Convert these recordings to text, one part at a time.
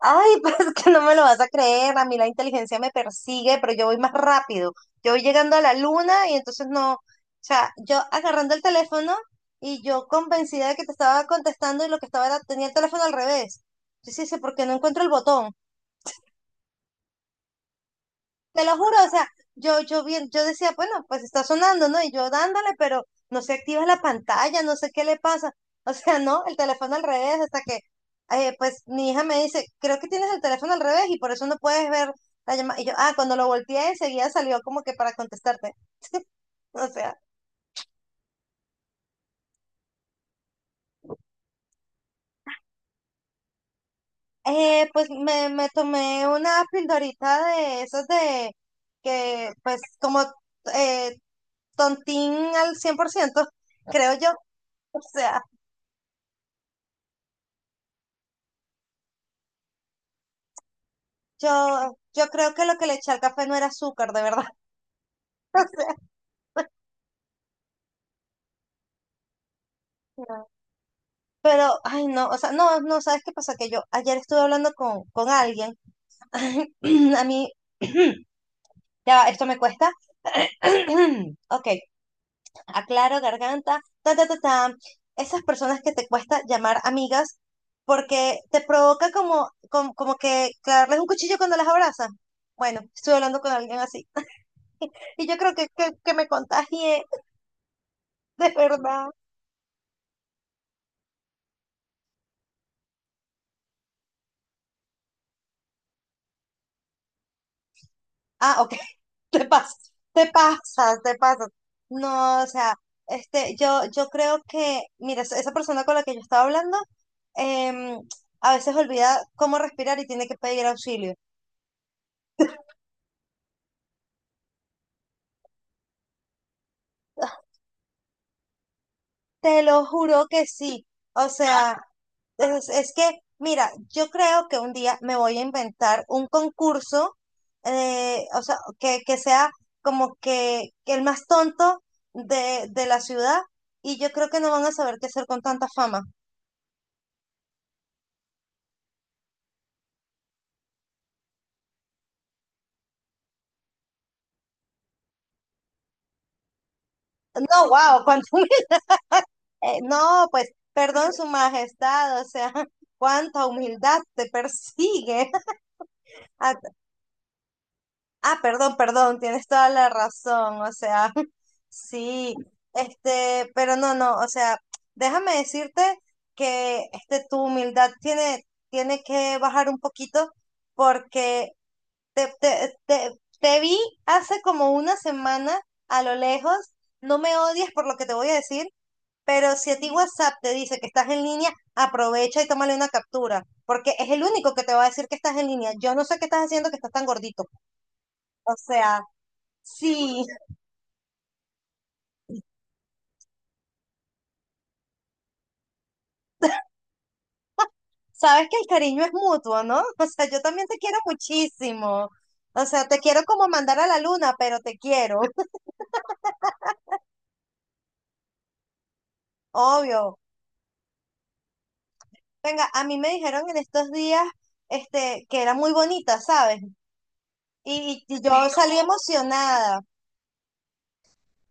Ay, pues es que no me lo vas a creer, a mí la inteligencia me persigue, pero yo voy más rápido. Yo voy llegando a la luna y entonces no, o sea, yo agarrando el teléfono y yo convencida de que te estaba contestando y lo que estaba era, tenía el teléfono al revés. Yo sí sé, ¿por qué no encuentro el botón? Te lo juro, o sea, yo bien, yo decía, bueno, pues está sonando, ¿no? Y yo dándole, pero no se activa la pantalla, no sé qué le pasa. O sea, no, el teléfono al revés, hasta que, pues mi hija me dice, creo que tienes el teléfono al revés y por eso no puedes ver la llamada. Y yo, ah, cuando lo volteé enseguida salió como que para contestarte. O sea, pues me tomé una pildorita de esos de que, pues como eh, tontín al 100%, creo yo. O sea. Yo creo que lo que le eché al café no era azúcar, de verdad. O sea, no. Pero, ay, no, o sea, no, no, ¿sabes qué pasa? Que yo ayer estuve hablando con alguien. A mí, ya, va, esto me cuesta. Ok, aclaro, garganta, ta, ta, ta, ta. Esas personas que te cuesta llamar amigas porque te provoca como que clavarles un cuchillo cuando las abrazas. Bueno, estuve hablando con alguien así. Y yo creo que me contagié, de verdad. Ah, ok. Te pasas, te pasas, te pasas. No, o sea, este, yo creo que, mira, esa persona con la que yo estaba hablando, em, a veces olvida cómo respirar y tiene que pedir auxilio. Te lo juro que sí. O sea, es que, mira, yo creo que un día me voy a inventar un concurso, o sea, que sea como que el más tonto de la ciudad, y yo creo que no van a saber qué hacer con tanta fama. No, wow, cuánto no, pues, perdón, su majestad, o sea, cuánta humildad te persigue. Ah, ah, perdón, perdón, tienes toda la razón, o sea, sí, este, pero no, no, o sea, déjame decirte que este, tu humildad tiene, tiene que bajar un poquito porque te, te, te, te vi hace como una semana a lo lejos, no me odies por lo que te voy a decir. Pero si a ti WhatsApp te dice que estás en línea, aprovecha y tómale una captura, porque es el único que te va a decir que estás en línea. Yo no sé qué estás haciendo que estás tan gordito. O sea, sí, sabes que el cariño es mutuo, ¿no? O sea, yo también te quiero muchísimo. O sea, te quiero como mandar a la luna, pero te quiero, obvio. Venga, a mí me dijeron en estos días, este, que era muy bonita, ¿sabes? Y yo salí emocionada.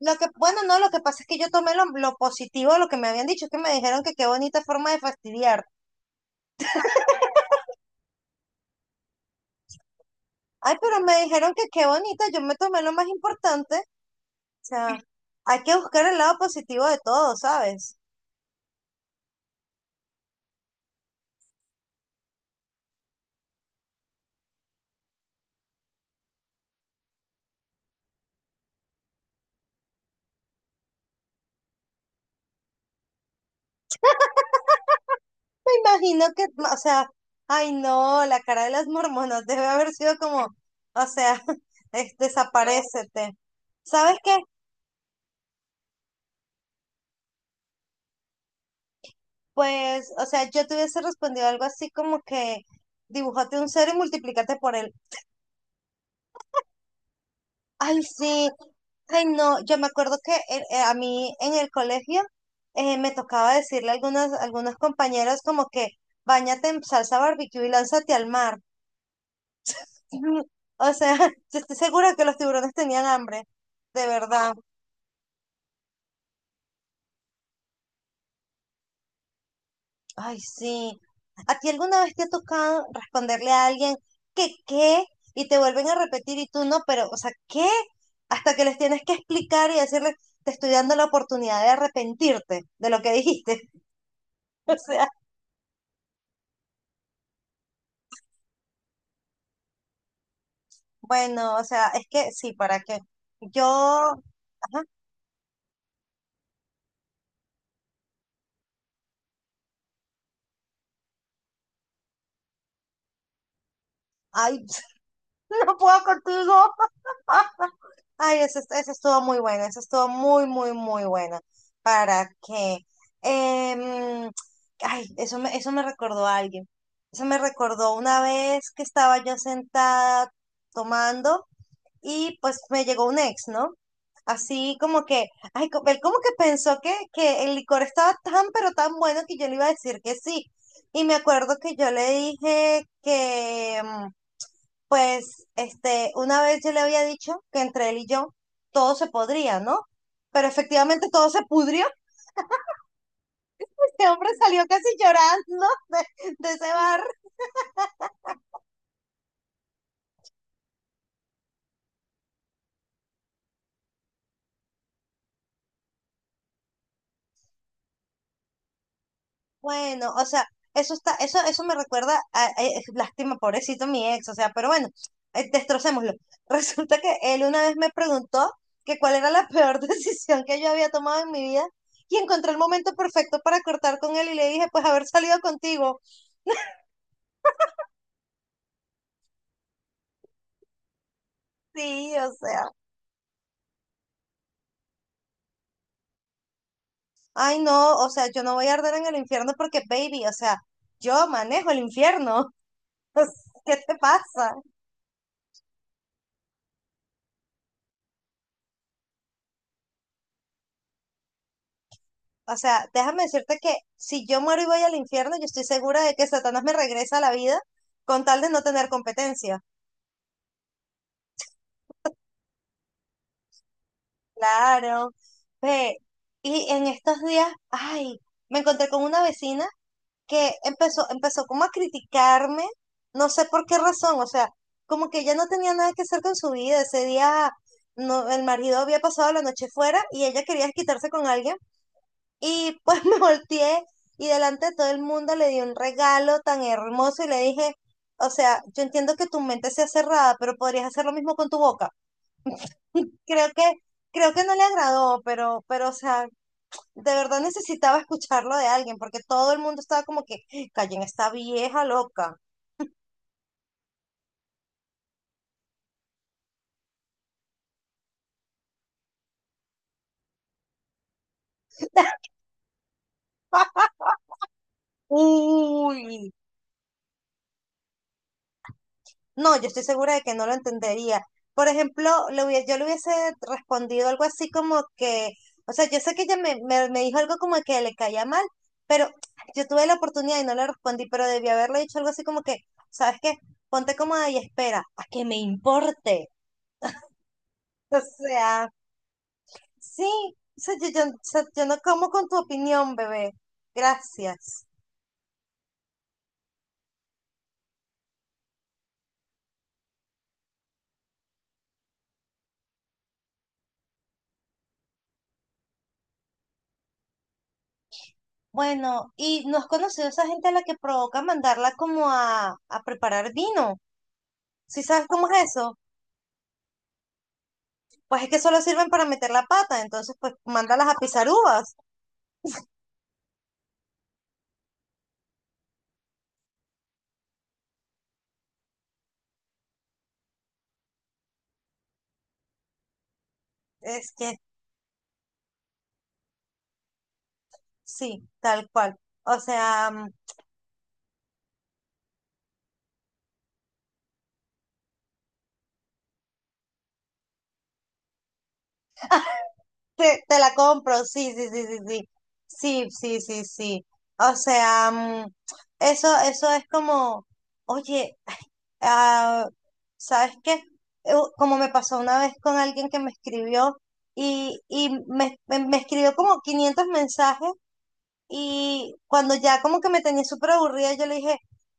Lo que, bueno, no, lo que pasa es que yo tomé lo positivo de lo que me habían dicho, es que me dijeron que qué bonita forma de fastidiar. Ay, pero me dijeron que qué bonita, yo me tomé lo más importante. O sea, hay que buscar el lado positivo de todo, ¿sabes? Me imagino que, o sea, ay no, la cara de las mormonas debe haber sido como, o sea, es, desaparécete. ¿Sabes qué? Pues, o sea, yo te hubiese respondido algo así como que dibújate un cero y multiplícate por él. Ay, sí. Ay, no, yo me acuerdo que a mí en el colegio me tocaba decirle a algunas, algunos compañeros como que bañate en salsa barbecue y lánzate al mar. O sea, yo estoy segura que los tiburones tenían hambre, de verdad. Ay, sí. ¿A ti alguna vez te ha tocado responderle a alguien que qué? Y te vuelven a repetir y tú no, pero, o sea, ¿qué? Hasta que les tienes que explicar y decirles, te estoy dando la oportunidad de arrepentirte de lo que dijiste. O sea. Bueno, o sea, es que sí, ¿para qué? Yo, ajá, ay, no puedo contigo. Ay, esa, esa estuvo muy buena, esa estuvo muy, muy, muy buena. ¿Para qué? Em, ay, eso me recordó a alguien. Eso me recordó una vez que estaba yo sentada tomando. Y pues me llegó un ex, ¿no? Así como que, ay, él como que pensó que el licor estaba tan, pero tan bueno que yo le iba a decir que sí. Y me acuerdo que yo le dije que, pues, este, una vez yo le había dicho que entre él y yo todo se podría, ¿no? Pero efectivamente todo se pudrió. Este hombre salió casi llorando de ese bar. Bueno, o sea, eso está, eso me recuerda a, lástima, pobrecito mi ex, o sea, pero bueno, destrocémoslo. Resulta que él una vez me preguntó que cuál era la peor decisión que yo había tomado en mi vida y encontré el momento perfecto para cortar con él y le dije, pues haber salido contigo. Sí, o sea, ay no, o sea, yo no voy a arder en el infierno porque, baby, o sea, yo manejo el infierno. O sea, ¿qué te pasa? O sea, déjame decirte que si yo muero y voy al infierno, yo estoy segura de que Satanás me regresa a la vida con tal de no tener competencia. Claro. Ve, y en estos días, ay, me encontré con una vecina que empezó como a criticarme, no sé por qué razón, o sea, como que ella no tenía nada que hacer con su vida. Ese día no, el marido había pasado la noche fuera y ella quería quitarse con alguien. Y pues me volteé y delante de todo el mundo le di un regalo tan hermoso y le dije, o sea, yo entiendo que tu mente sea cerrada, pero podrías hacer lo mismo con tu boca. Creo que, creo que no le agradó, pero, o sea, de verdad necesitaba escucharlo de alguien, porque todo el mundo estaba como que, callen esta vieja loca. Uy, no, yo estoy segura de que no lo entendería. Por ejemplo, yo le hubiese respondido algo así como que, o sea, yo sé que ella me dijo algo como que le caía mal, pero yo tuve la oportunidad y no le respondí, pero debí haberle dicho algo así como que, ¿sabes qué? Ponte cómoda y espera, a que me importe. O sea, sí, o sea, o sea, yo no como con tu opinión, bebé. Gracias. Bueno, ¿y no has conocido a esa gente a la que provoca mandarla como a preparar vino? ¿Sí sabes cómo es eso? Pues es que solo sirven para meter la pata, entonces pues mándalas a pisar uvas. Es que sí, tal cual. O sea, mm, te la compro, sí, sí, sí, sí, sí. Sí, sí, sí, sí. O sea, mm, eso es como, oye, ah, ¿sabes qué? Como me pasó una vez con alguien que me escribió y me escribió como 500 mensajes. Y cuando ya como que me tenía súper aburrida, yo le dije,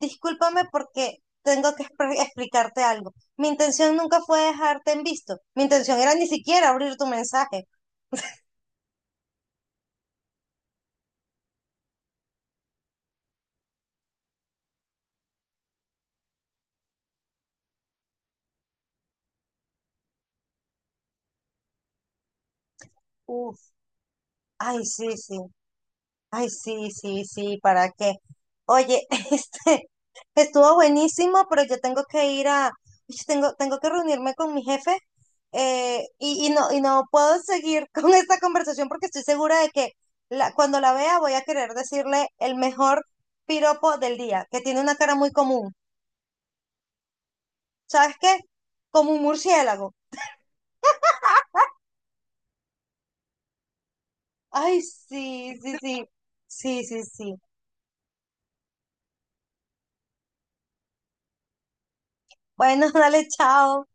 discúlpame porque tengo que explicarte algo. Mi intención nunca fue dejarte en visto. Mi intención era ni siquiera abrir tu mensaje. Uf, ay, sí, sí. Ay, sí, sí, sí, ¿para qué? Oye, este, estuvo buenísimo, pero yo tengo que ir a, tengo que reunirme con mi jefe y, y no puedo seguir con esta conversación porque estoy segura de que la, cuando la vea voy a querer decirle el mejor piropo del día, que tiene una cara muy común. ¿Sabes qué? Como un murciélago. Ay, sí, sí, sí, sí, sí, sí. Bueno, dale, chao.